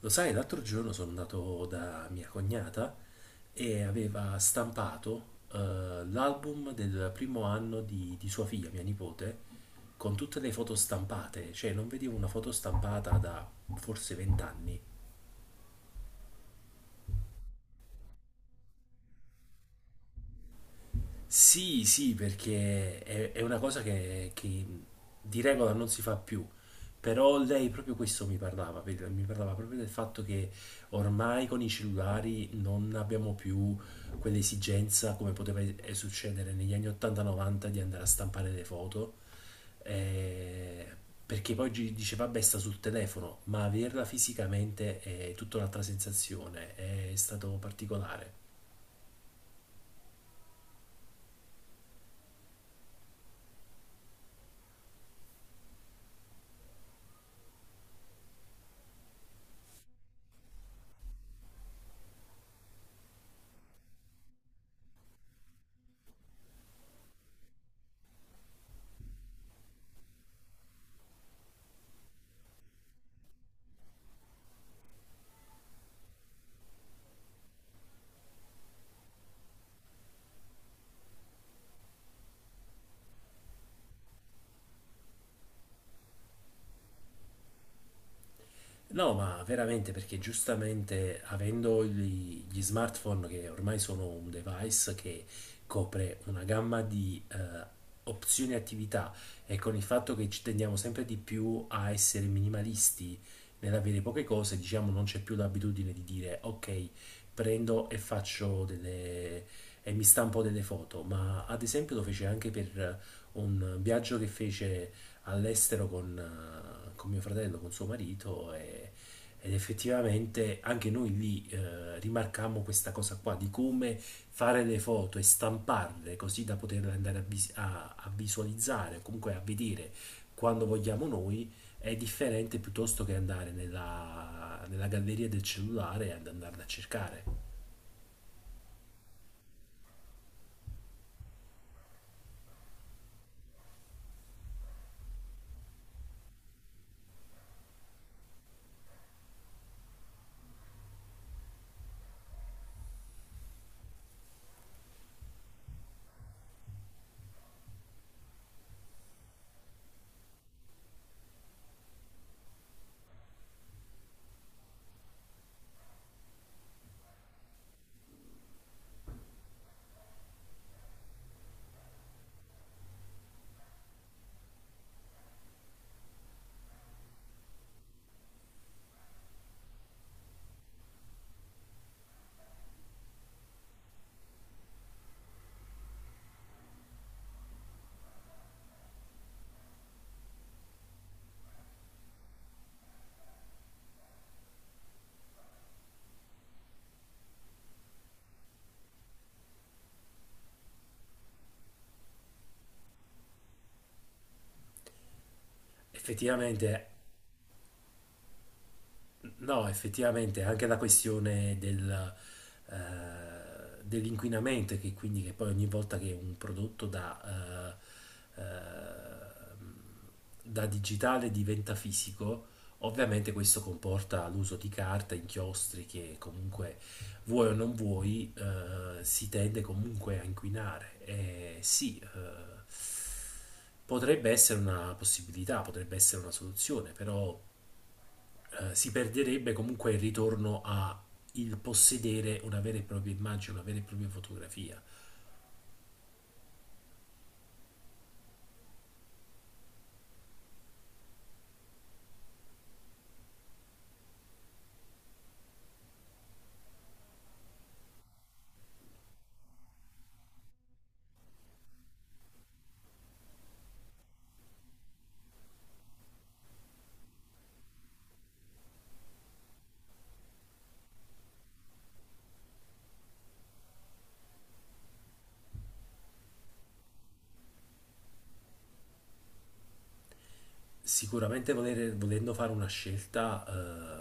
Lo sai, l'altro giorno sono andato da mia cognata e aveva stampato l'album del primo anno di sua figlia, mia nipote, con tutte le foto stampate, cioè non vedevo una foto stampata da forse vent'anni. Sì, sì, perché è una cosa che di regola non si fa più, però lei proprio questo mi parlava, mi parlava proprio del fatto che ormai con i cellulari non abbiamo più quell'esigenza come poteva succedere negli anni 80-90 di andare a stampare le foto, eh, perché poi dice vabbè sta sul telefono, ma averla fisicamente è tutta un'altra sensazione, è stato particolare. No, ma veramente, perché giustamente avendo gli smartphone che ormai sono un device che copre una gamma di opzioni e attività, e con il fatto che ci tendiamo sempre di più a essere minimalisti nell'avere poche cose, diciamo non c'è più l'abitudine di dire ok, prendo e faccio delle... e mi stampo delle foto. Ma ad esempio lo fece anche per un viaggio che fece all'estero con mio fratello, con suo marito ed effettivamente anche noi lì rimarcammo questa cosa qua di come fare le foto e stamparle così da poterle andare a visualizzare o comunque a vedere quando vogliamo noi. È differente piuttosto che andare nella galleria del cellulare e ad andarla a cercare. Effettivamente, no, effettivamente anche la questione del, eh, dell'inquinamento, e che quindi, che poi ogni volta che un prodotto da, eh, eh, da digitale diventa fisico, ovviamente questo comporta l'uso di carta, inchiostri che comunque, vuoi o non vuoi, si tende comunque a inquinare. E sì, potrebbe essere una possibilità, potrebbe essere una soluzione, però si perderebbe comunque il ritorno a il possedere una vera e propria immagine, una vera e propria fotografia. Sicuramente volendo fare una scelta,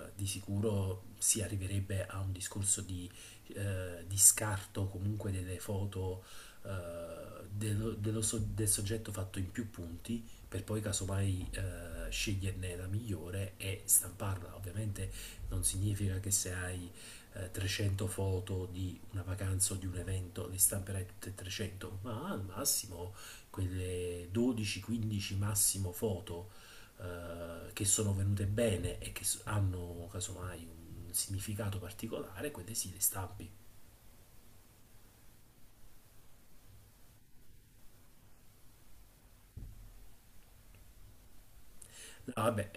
di sicuro si arriverebbe a un discorso di scarto comunque delle foto, del soggetto fatto in più punti, per poi casomai sceglierne la migliore e stamparla. Ovviamente non significa che se hai 300 foto di una vacanza o di un evento le stamperai tutte e 300, ma al massimo quelle 12-15 massimo foto che sono venute bene e che hanno casomai un significato particolare, quelle sì, le stampi. No, vabbè,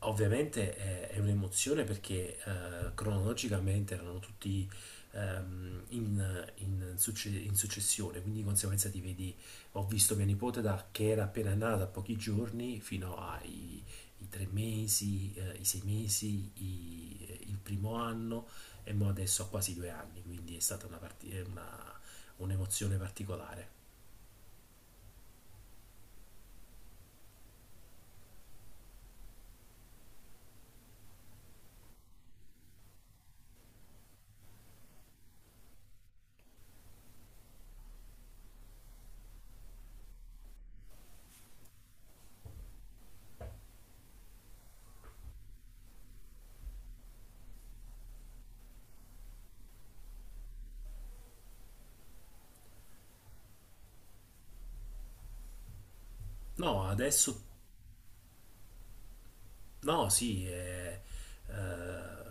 ovviamente è un'emozione, perché cronologicamente erano tutti in successione, quindi di conseguenza ti vedi, ho visto mia nipote da che era appena nata, pochi giorni, fino ai i tre mesi, i sei mesi, il primo anno, e mo adesso ha quasi due anni, quindi è stata una parti- è una- un'emozione particolare. No, adesso, no, sì, eh,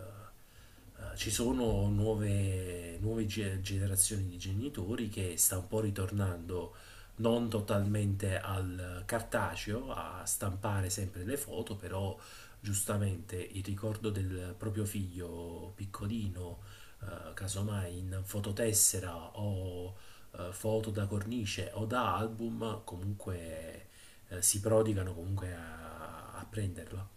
ci sono nuove generazioni di genitori che sta un po' ritornando non totalmente al cartaceo, a stampare sempre le foto, però giustamente il ricordo del proprio figlio piccolino, casomai in fototessera o foto da cornice o da album, comunque si prodigano comunque a a prenderlo.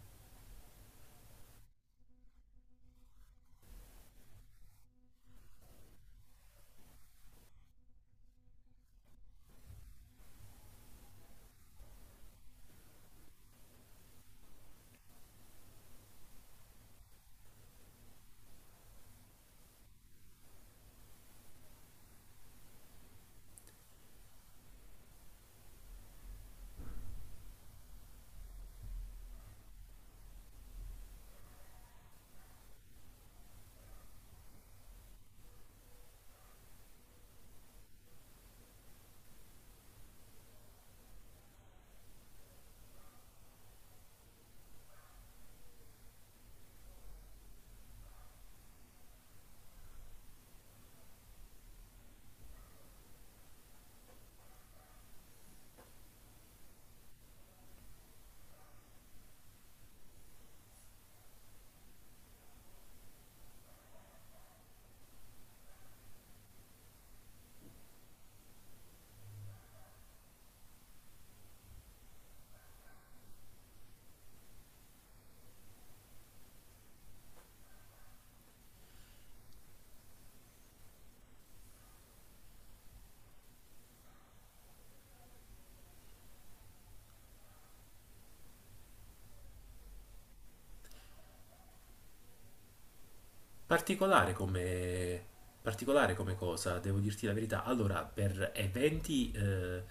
Particolare come, particolare come cosa, devo dirti la verità. Allora, per eventi eh,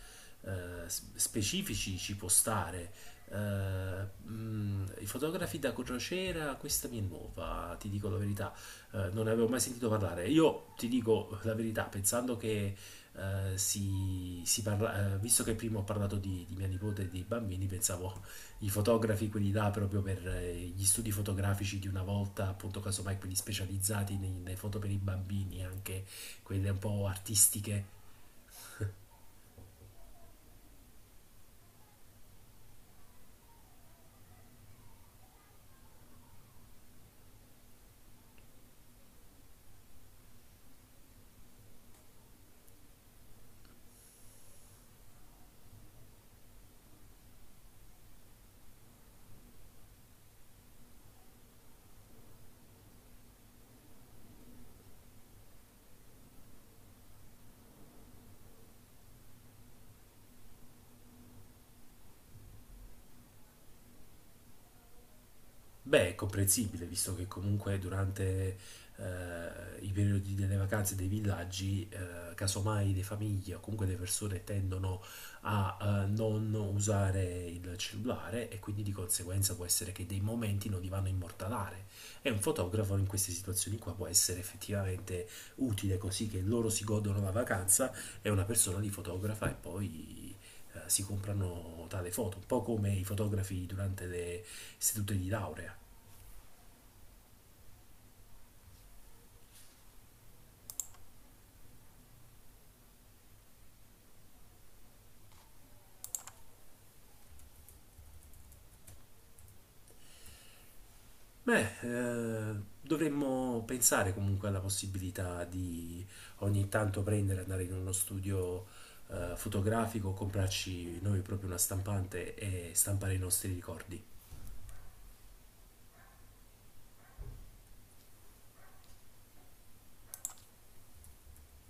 eh, s- specifici ci può stare. I fotografi da crociera, questa mi è nuova, ti dico la verità. Non ne avevo mai sentito parlare. Io ti dico la verità, pensando che si, si parla, visto che prima ho parlato di mia nipote e dei bambini, pensavo i fotografi, quelli là proprio per gli studi fotografici di una volta, appunto, casomai quelli specializzati nelle foto per i bambini, anche quelle un po' artistiche. Beh, è comprensibile, visto che comunque durante eh, i periodi delle vacanze dei villaggi, casomai le famiglie o comunque le persone tendono a non usare il cellulare e quindi di conseguenza può essere che dei momenti non li vanno a immortalare. E un fotografo in queste situazioni qua può essere effettivamente utile, così che loro si godono la vacanza e una persona li fotografa, e poi si comprano tale foto, un po' come i fotografi durante le sedute di laurea. Beh, eh, dovremmo pensare comunque alla possibilità di ogni tanto prendere, andare in uno studio fotografico, comprarci noi proprio una stampante e stampare i nostri ricordi.